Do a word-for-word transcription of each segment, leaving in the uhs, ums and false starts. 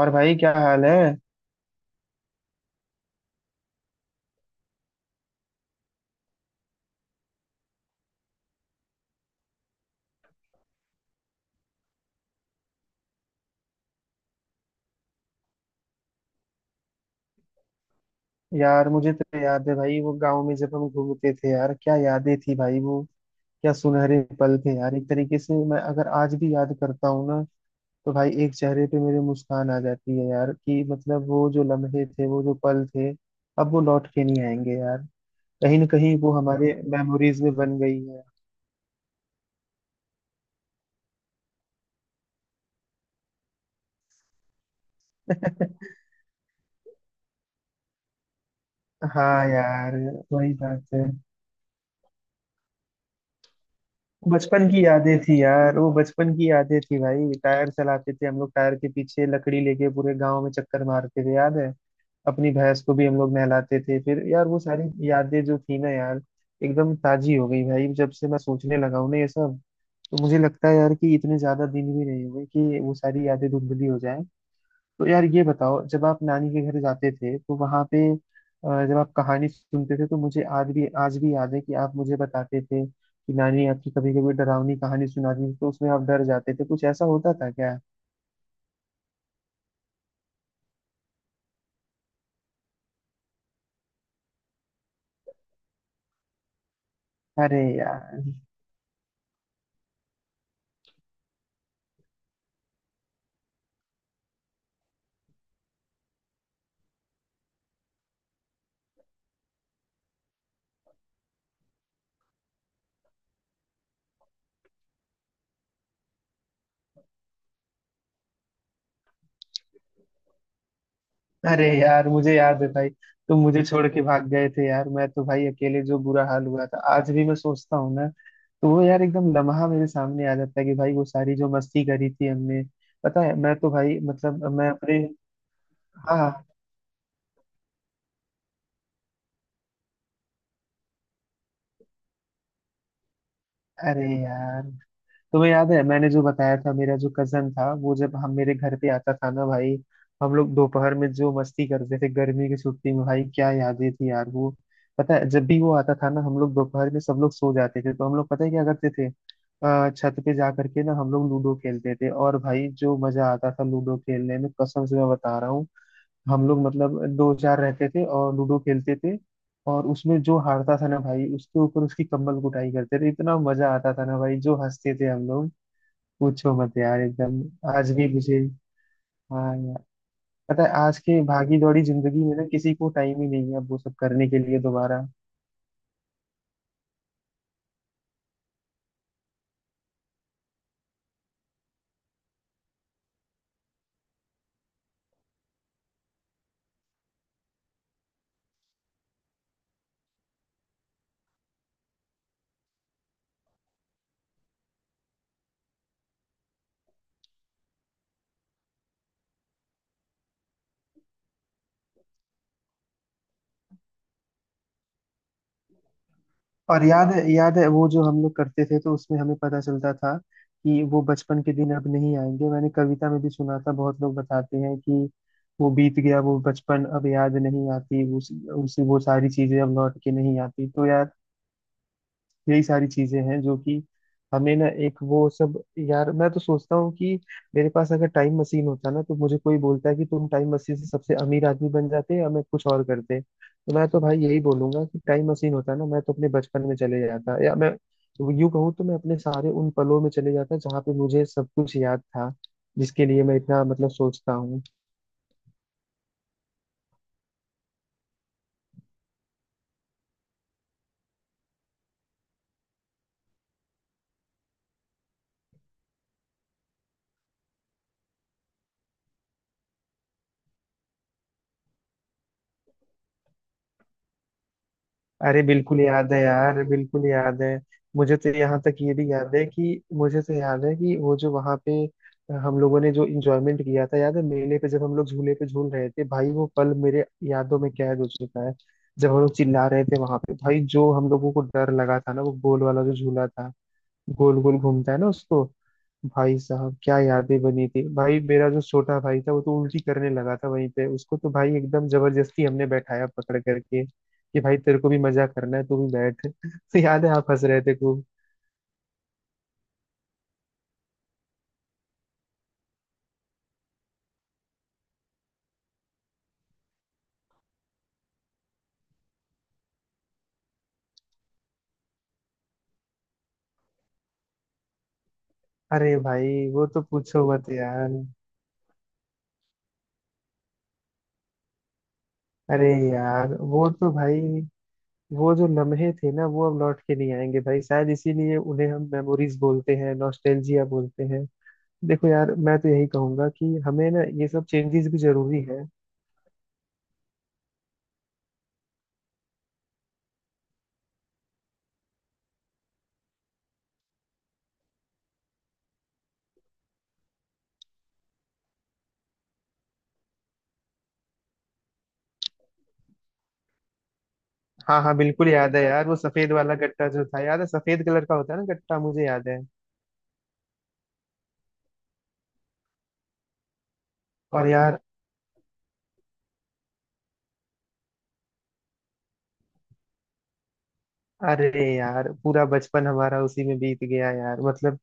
और भाई क्या हाल है। यार मुझे तो याद है भाई वो गांव में जब हम घूमते थे यार, क्या यादें थी भाई वो। क्या सुनहरे पल थे यार, एक तरीके से मैं अगर आज भी याद करता हूँ ना, तो भाई एक चेहरे पे मेरे मुस्कान आ जाती है यार कि मतलब वो जो लम्हे थे वो जो पल थे, अब वो लौट के नहीं आएंगे यार। कहीं ना कहीं वो हमारे मेमोरीज में बन गई है। हाँ यार, वही बात है। बचपन की यादें थी यार वो, बचपन की यादें थी भाई। टायर चलाते थे हम लोग, टायर के पीछे लकड़ी लेके पूरे गांव में चक्कर मारते थे, याद है। अपनी भैंस को भी हम लोग नहलाते थे फिर यार, वो सारी यादें जो थी ना यार, एकदम ताजी हो गई भाई जब से मैं सोचने लगा हूं ना ये सब। तो मुझे लगता है यार कि इतने ज्यादा दिन भी नहीं हुए कि वो सारी यादें धुंधली हो जाए। तो यार ये बताओ, जब आप नानी के घर जाते थे तो वहां पे अ, जब आप कहानी सुनते थे, तो मुझे आज भी आज भी याद है कि आप मुझे बताते थे कि नानी आपकी कभी कभी डरावनी कहानी सुनाती थी तो उसमें आप डर जाते थे, कुछ ऐसा होता था क्या। अरे यार, अरे यार मुझे याद है भाई, तुम मुझे छोड़ के भाग गए थे यार। मैं तो भाई अकेले जो बुरा हाल हुआ था, आज भी मैं सोचता हूँ ना, तो वो यार एकदम लम्हा मेरे सामने आ जाता है कि भाई वो सारी जो मस्ती करी थी हमने। पता है मैं तो भाई मतलब मैं अपने, हाँ, अरे यार तुम्हें याद है मैंने जो बताया था, मेरा जो कजन था वो जब हम मेरे घर पे आता था ना भाई, हम लोग दोपहर में जो मस्ती करते थे गर्मी की छुट्टी में, भाई क्या यादें थी यार वो। पता है जब भी वो आता था ना, हम लोग दोपहर में सब लोग सो जाते थे, तो हम लोग पता है क्या करते थे, अ, छत पे जा करके ना हम लोग लूडो खेलते थे, और भाई जो मजा आता था लूडो खेलने में, कसम से मैं बता रहा हूँ। हम लोग मतलब दो चार रहते थे और लूडो खेलते थे, और उसमें जो हारता था ना भाई, उसके ऊपर उसकी कंबल कुटाई करते थे, इतना मजा आता था ना भाई, जो हंसते थे हम लोग पूछो मत यार एकदम। आज भी मुझे, हाँ यार, पता है आज के भागी दौड़ी जिंदगी में ना किसी को टाइम ही नहीं है अब वो सब करने के लिए दोबारा। और याद है, याद है वो जो हम लोग करते थे, तो उसमें हमें पता चलता था कि वो बचपन के दिन अब नहीं आएंगे। मैंने कविता में भी सुना था, बहुत लोग बताते हैं कि वो बीत गया वो बचपन, अब याद नहीं आती उस, उस वो सारी चीजें अब लौट के नहीं आती। तो यार यही सारी चीजें हैं जो कि हमें ना एक वो सब। यार मैं तो सोचता हूँ कि मेरे पास अगर टाइम मशीन होता ना, तो मुझे कोई बोलता है कि तुम टाइम मशीन से सबसे अमीर आदमी बन जाते या मैं कुछ और करते, तो मैं तो भाई यही बोलूंगा कि टाइम मशीन होता ना, मैं तो अपने बचपन में चले जाता, या मैं यूं कहूँ तो मैं अपने सारे उन पलों में चले जाता जहाँ पे मुझे सब कुछ याद था, जिसके लिए मैं इतना मतलब सोचता हूँ। अरे बिल्कुल याद है यार, बिल्कुल याद है। मुझे तो यहाँ तक ये भी याद है कि मुझे तो याद है कि वो जो वहाँ पे हम लोगों ने जो इंजॉयमेंट किया था, याद है मेले पे जब हम लोग झूले पे झूल रहे थे, भाई वो पल मेरे यादों में कैद हो चुका है। जब हम लोग चिल्ला रहे थे वहां पे, भाई जो हम लोगों को डर लगा था ना, वो गोल वाला जो झूला था, गोल गोल घूमता है ना उसको, भाई साहब क्या यादें बनी थी भाई। मेरा जो छोटा भाई था वो तो उल्टी करने लगा था वहीं पे, उसको तो भाई एकदम जबरदस्ती हमने बैठाया पकड़ करके कि भाई तेरे को भी मजा करना है तू भी बैठ। तो याद है आप हंस रहे थे खूब। अरे भाई वो तो पूछो मत यार। अरे यार वो तो भाई, वो जो लम्हे थे ना वो अब लौट के नहीं आएंगे भाई, शायद इसीलिए उन्हें हम मेमोरीज बोलते हैं, नॉस्टैल्जिया बोलते हैं। देखो यार मैं तो यही कहूंगा कि हमें ना ये सब चेंजेस भी जरूरी है। हाँ हाँ बिल्कुल याद है यार, वो सफेद वाला गट्टा जो था, याद है सफेद कलर का होता है ना गट्टा, मुझे याद है। और यार, अरे यार पूरा बचपन हमारा उसी में बीत गया यार मतलब।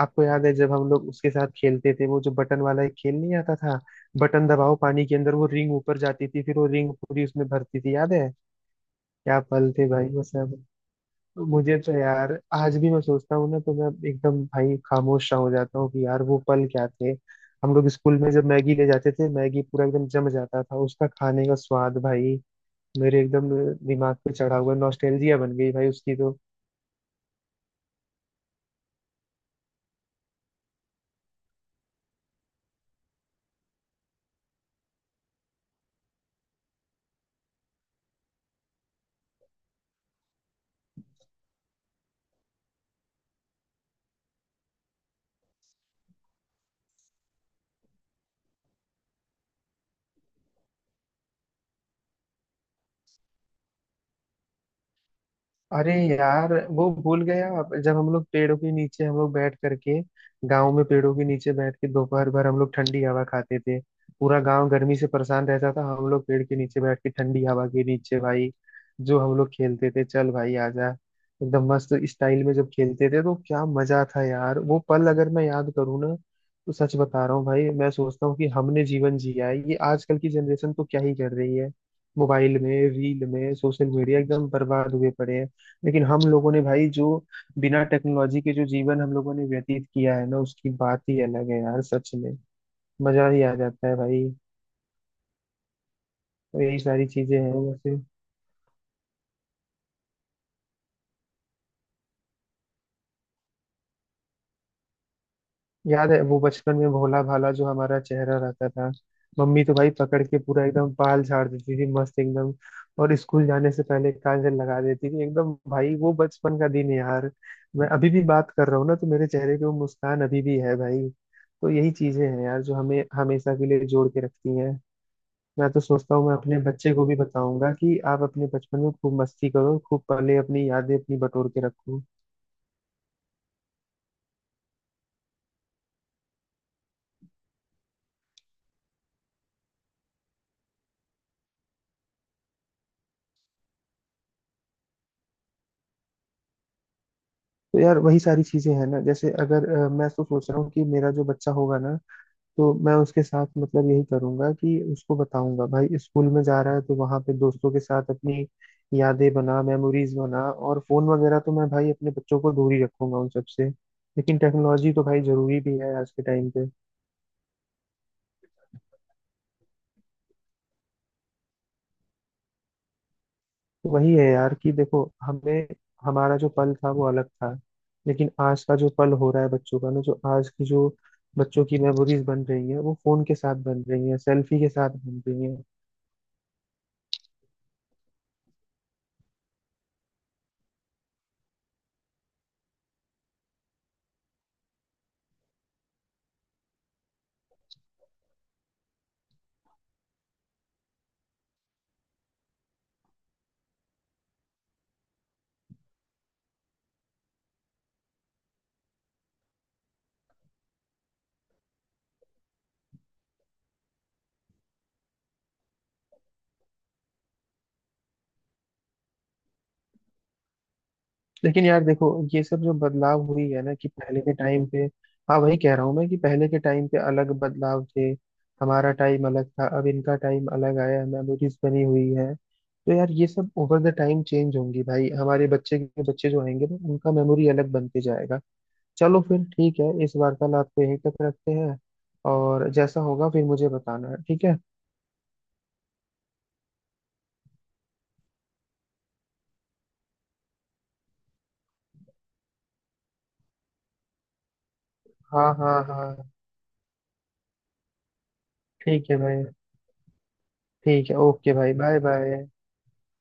आपको याद है जब हम लोग उसके साथ खेलते थे, वो जो बटन वाला एक खेल नहीं आता था, बटन दबाओ पानी के अंदर वो रिंग ऊपर जाती थी फिर वो रिंग पूरी उसमें भरती थी, याद है। क्या पल थे भाई वो सब। मुझे तो यार आज भी मैं सोचता हूँ ना तो मैं एकदम भाई खामोश सा हो जाता हूँ कि यार वो पल क्या थे। हम लोग स्कूल में जब मैगी ले जाते थे, मैगी पूरा एकदम जम जाता था, उसका खाने का स्वाद भाई मेरे एकदम दिमाग पे चढ़ा हुआ नॉस्टैल्जिया बन गई भाई उसकी तो। अरे यार वो भूल गया आप, जब हम लोग पेड़ों के नीचे हम लोग बैठ करके गांव में पेड़ों के नीचे बैठ के दोपहर भर हम लोग ठंडी हवा खाते थे। पूरा गांव गर्मी से परेशान रहता था, हम लोग पेड़ के नीचे बैठ के ठंडी हवा के नीचे भाई, जो हम लोग खेलते थे, चल भाई आजा, एकदम मस्त स्टाइल में जब खेलते थे, तो क्या मजा था यार। वो पल अगर मैं याद करूँ ना, तो सच बता रहा हूँ भाई, मैं सोचता हूँ कि हमने जीवन जिया है, ये आजकल की जनरेशन तो क्या ही कर रही है, मोबाइल में, रील में, सोशल मीडिया, एकदम बर्बाद हुए पड़े हैं। लेकिन हम लोगों ने भाई जो बिना टेक्नोलॉजी के जो जीवन हम लोगों ने व्यतीत किया है ना, उसकी बात ही अलग है यार सच में। मजा ही आ जाता है भाई। तो यही सारी चीजें हैं वैसे। याद है वो बचपन में भोला भाला जो हमारा चेहरा रहता था, मम्मी तो भाई पकड़ के पूरा एकदम बाल झाड़ देती थी मस्त एकदम, और स्कूल जाने से पहले काजल लगा देती थी एकदम, भाई वो बचपन का दिन है यार। मैं अभी भी बात कर रहा हूँ ना, तो मेरे चेहरे पे वो मुस्कान अभी भी है भाई। तो यही चीजें हैं यार जो हमें हमेशा के लिए जोड़ के रखती हैं। मैं तो सोचता हूँ मैं अपने बच्चे को भी बताऊंगा कि आप अपने बचपन में खूब मस्ती करो, खूब पहले अपनी यादें अपनी बटोर के रखो। तो यार वही सारी चीजें हैं ना, जैसे अगर अ, मैं तो सोच रहा हूँ कि मेरा जो बच्चा होगा ना, तो मैं उसके साथ मतलब यही करूंगा कि उसको बताऊंगा भाई स्कूल में जा रहा है तो वहां पे दोस्तों के साथ अपनी यादें बना, मेमोरीज बना। और फोन वगैरह तो मैं भाई अपने बच्चों को दूर ही रखूंगा उन सबसे, लेकिन टेक्नोलॉजी तो भाई जरूरी भी है आज के टाइम पे। वही है यार कि देखो हमें, हमारा जो पल था वो अलग था, लेकिन आज का जो पल हो रहा है बच्चों का ना, जो आज की जो बच्चों की मेमोरीज बन रही है, वो फोन के साथ बन रही है, सेल्फी के साथ बन रही है। लेकिन यार देखो, ये सब जो बदलाव हुई है ना, कि पहले के टाइम पे, हाँ वही कह रहा हूँ मैं कि पहले के टाइम पे अलग बदलाव थे, हमारा टाइम अलग था, अब इनका टाइम अलग आया, मेमोरीज बनी हुई है। तो यार ये सब ओवर द टाइम चेंज होंगी भाई, हमारे बच्चे के बच्चे जो आएंगे ना उनका मेमोरी अलग बनते जाएगा। चलो फिर ठीक है, इस वार्तालाप को यहीं तक रखते हैं, और जैसा होगा फिर मुझे बताना है, ठीक है। हाँ हाँ हाँ, ठीक है भाई। ठीक है ओके भाई, बाय बाय।